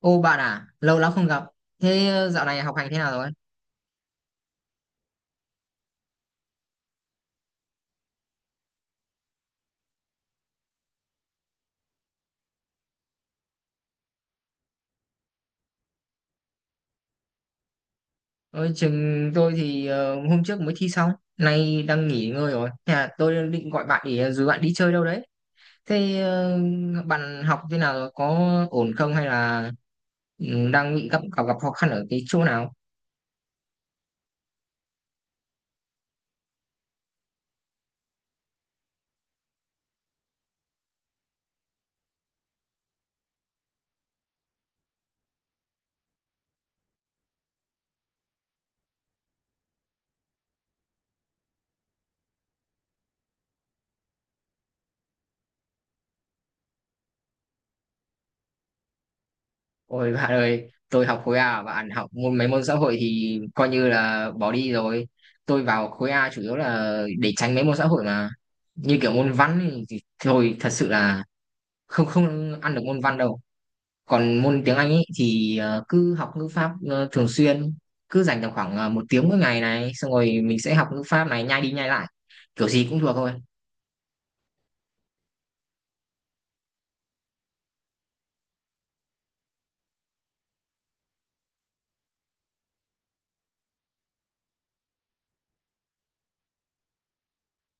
Ô bạn à, lâu lắm không gặp. Dạo này học hành thế nào rồi? Ôi, trường tôi thì hôm trước mới thi xong, nay đang nghỉ ngơi rồi. Thế là tôi định gọi bạn để dù bạn đi chơi đâu đấy. Thế ờ, Bạn học thế nào rồi? Có ổn không hay là đang bị gặp gặp gặp khó khăn ở cái chỗ nào? Ôi bạn ơi, tôi học khối A, bạn học môn mấy môn xã hội thì coi như là bỏ đi rồi. Tôi vào khối A chủ yếu là để tránh mấy môn xã hội mà. Như kiểu môn văn thì thôi, thật sự là không, không ăn được môn văn đâu. Còn môn tiếng Anh ấy thì cứ học ngữ pháp thường xuyên, cứ dành tầm khoảng một tiếng mỗi ngày này, xong rồi mình sẽ học ngữ pháp này, nhai đi nhai lại kiểu gì cũng thuộc thôi.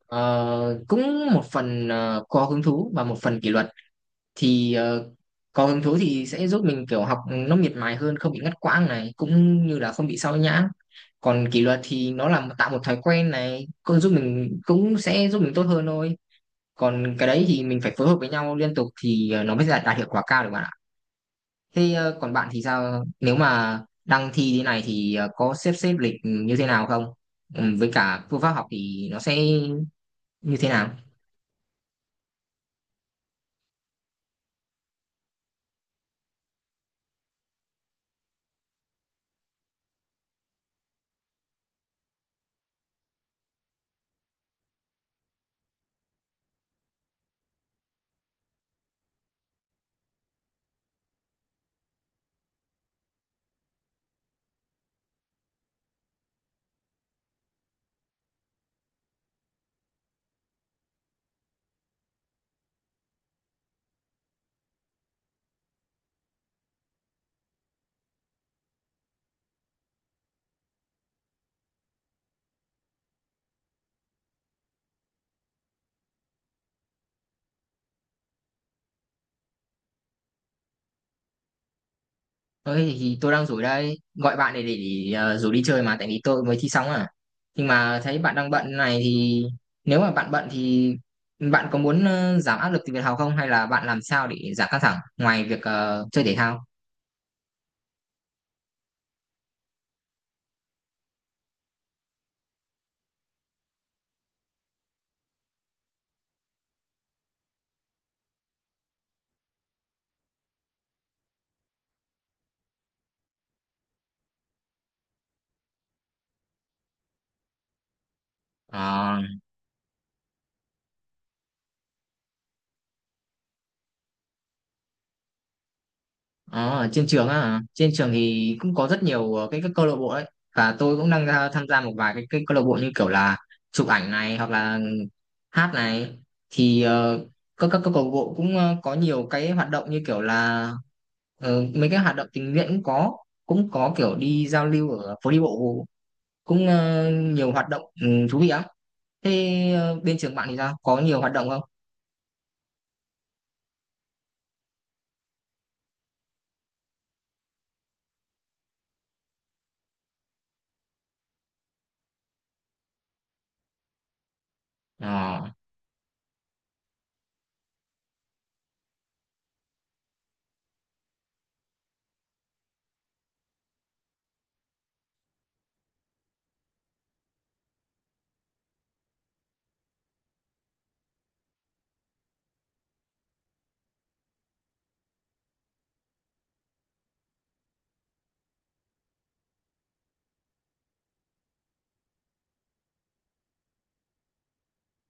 Ờ, cũng một phần có hứng thú và một phần kỷ luật thì có hứng thú thì sẽ giúp mình kiểu học nó miệt mài hơn, không bị ngắt quãng này, cũng như là không bị sao nhãng. Còn kỷ luật thì nó là tạo một thói quen này, cũng giúp mình, cũng sẽ giúp mình tốt hơn thôi. Còn cái đấy thì mình phải phối hợp với nhau liên tục thì nó mới đạt hiệu quả cao được, bạn ạ. Còn bạn thì sao, nếu mà đang thi thế này thì có xếp xếp lịch như thế nào không, ừ, với cả phương pháp học thì nó sẽ như thế nào? Ơi thì tôi đang rủ đây, gọi bạn để rủ đi chơi mà, tại vì tôi mới thi xong à. Nhưng mà thấy bạn đang bận này thì nếu mà bạn bận thì bạn có muốn giảm áp lực từ việc học không, hay là bạn làm sao để giảm căng thẳng ngoài việc chơi thể thao? Ờ, ờ, ở trên trường á, trên trường thì cũng có rất nhiều các câu lạc bộ đấy, và tôi cũng đang tham gia một vài cái câu lạc bộ như kiểu là chụp ảnh này hoặc là hát này. Thì các câu lạc bộ cũng có nhiều cái hoạt động như kiểu là mấy cái hoạt động tình nguyện cũng có, cũng có kiểu đi giao lưu ở phố đi bộ, cũng nhiều hoạt động ừ, thú vị lắm. Bên trường bạn thì sao, có nhiều hoạt động không? Ờ.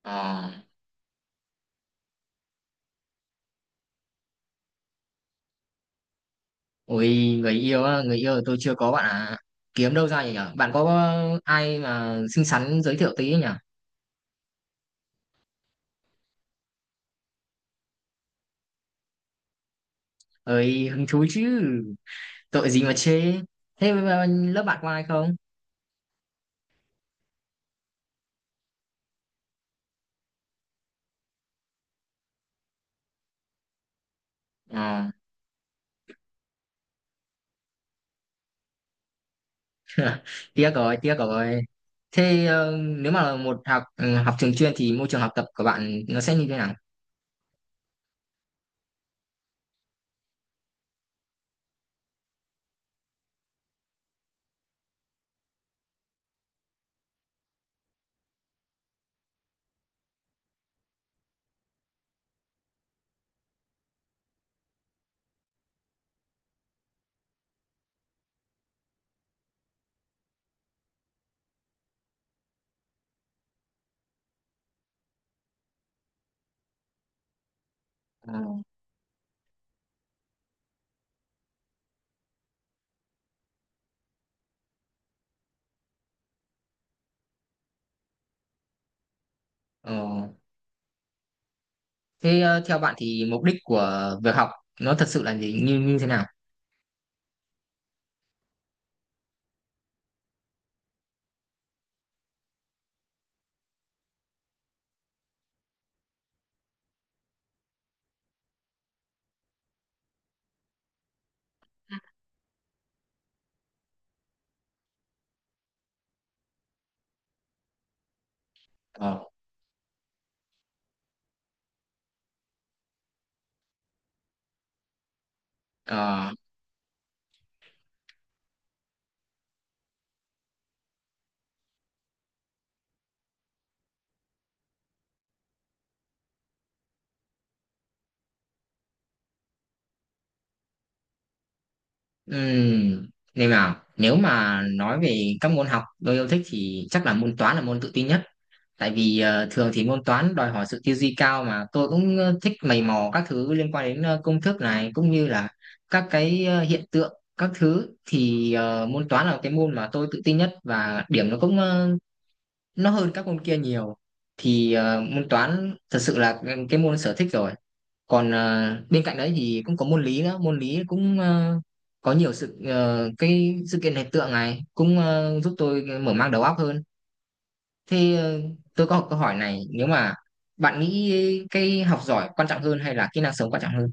Ờ. Ôi, người yêu á, người yêu thì tôi chưa có bạn à. Kiếm đâu ra vậy nhở? Bạn có ai mà xinh xắn giới thiệu tí nhở? Ơi, hứng thú chứ. Tội gì mà chê. Thế mà lớp bạn có ai không? Ờ. Tiếc rồi, tiếc rồi. Nếu mà là một học học trường chuyên thì môi trường học tập của bạn nó sẽ như thế nào? Ờ. Ờ. Theo bạn thì mục đích của việc học nó thật sự là gì, như như thế nào? Ờ. Ờ. Ừm, nên là nếu mà nói về các môn học tôi yêu thích thì chắc là môn toán là môn tự tin nhất, tại vì thường thì môn toán đòi hỏi sự tư duy cao, mà tôi cũng thích mày mò các thứ liên quan đến công thức này, cũng như là các cái hiện tượng các thứ. Thì môn toán là cái môn mà tôi tự tin nhất, và điểm nó cũng nó hơn các môn kia nhiều. Thì môn toán thật sự là cái môn sở thích rồi. Còn à, bên cạnh đấy thì cũng có môn lý nữa, môn lý cũng à, có nhiều sự cái sự kiện, hiện tượng này, cũng giúp tôi mở mang đầu óc hơn. thế ờ, tôi có một câu hỏi này, nếu mà bạn nghĩ cái học giỏi quan trọng hơn hay là kỹ năng sống quan trọng hơn?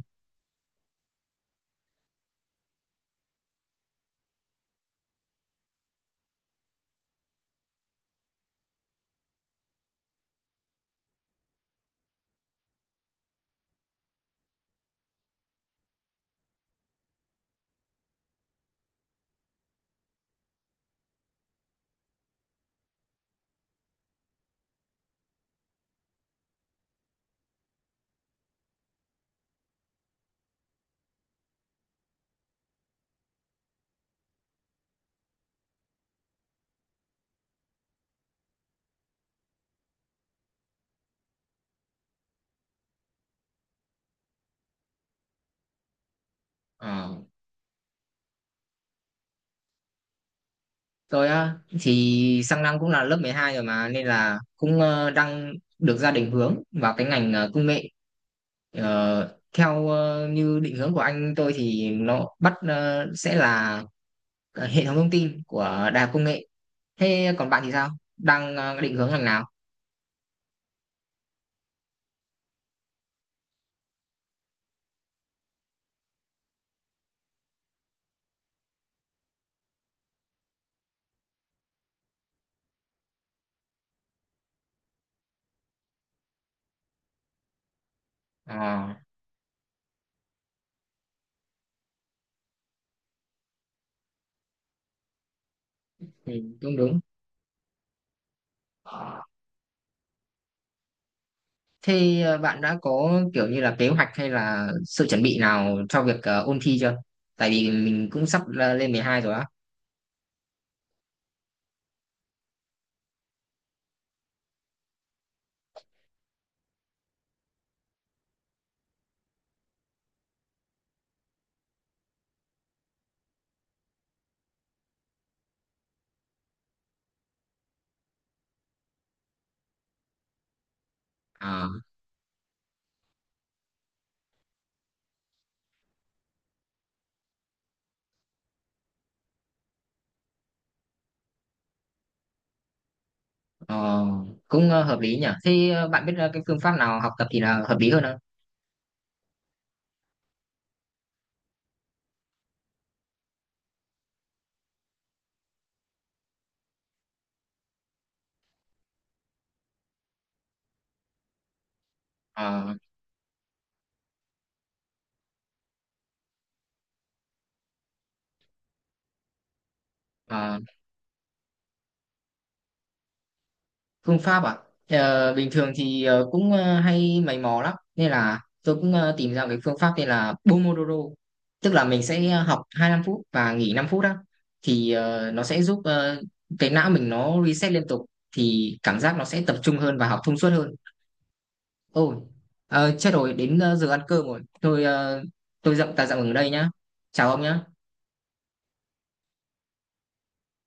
Ờ, tôi á, thì sang năm cũng là lớp 12 rồi mà, nên là cũng đang được gia đình hướng vào cái ngành công nghệ. Ờ, theo như định hướng của anh tôi thì nó sẽ là cả hệ thống thông tin của đại học công nghệ. Thế còn bạn thì sao, đang định hướng ngành nào? À, ừ, đúng đúng. Bạn đã có kiểu như là kế hoạch hay là sự chuẩn bị nào cho việc ôn thi chưa, tại vì mình cũng sắp lên 12 rồi á. À, ờ, cũng hợp lý nhỉ. Bạn biết cái phương pháp nào học tập thì là hợp lý hơn không? À, phương pháp à? Ờ, bình thường thì cũng hay mày mò lắm, nên là tôi cũng tìm ra cái phương pháp tên là Pomodoro. Tức là mình sẽ học 25 phút và nghỉ 5 phút đó. Thì nó sẽ giúp cái não mình nó reset liên tục, thì cảm giác nó sẽ tập trung hơn và học thông suốt hơn. Ôi, chết rồi, đến giờ ăn cơm rồi. Tôi dậm ta dậm ở đây nhá. Chào ông nhá.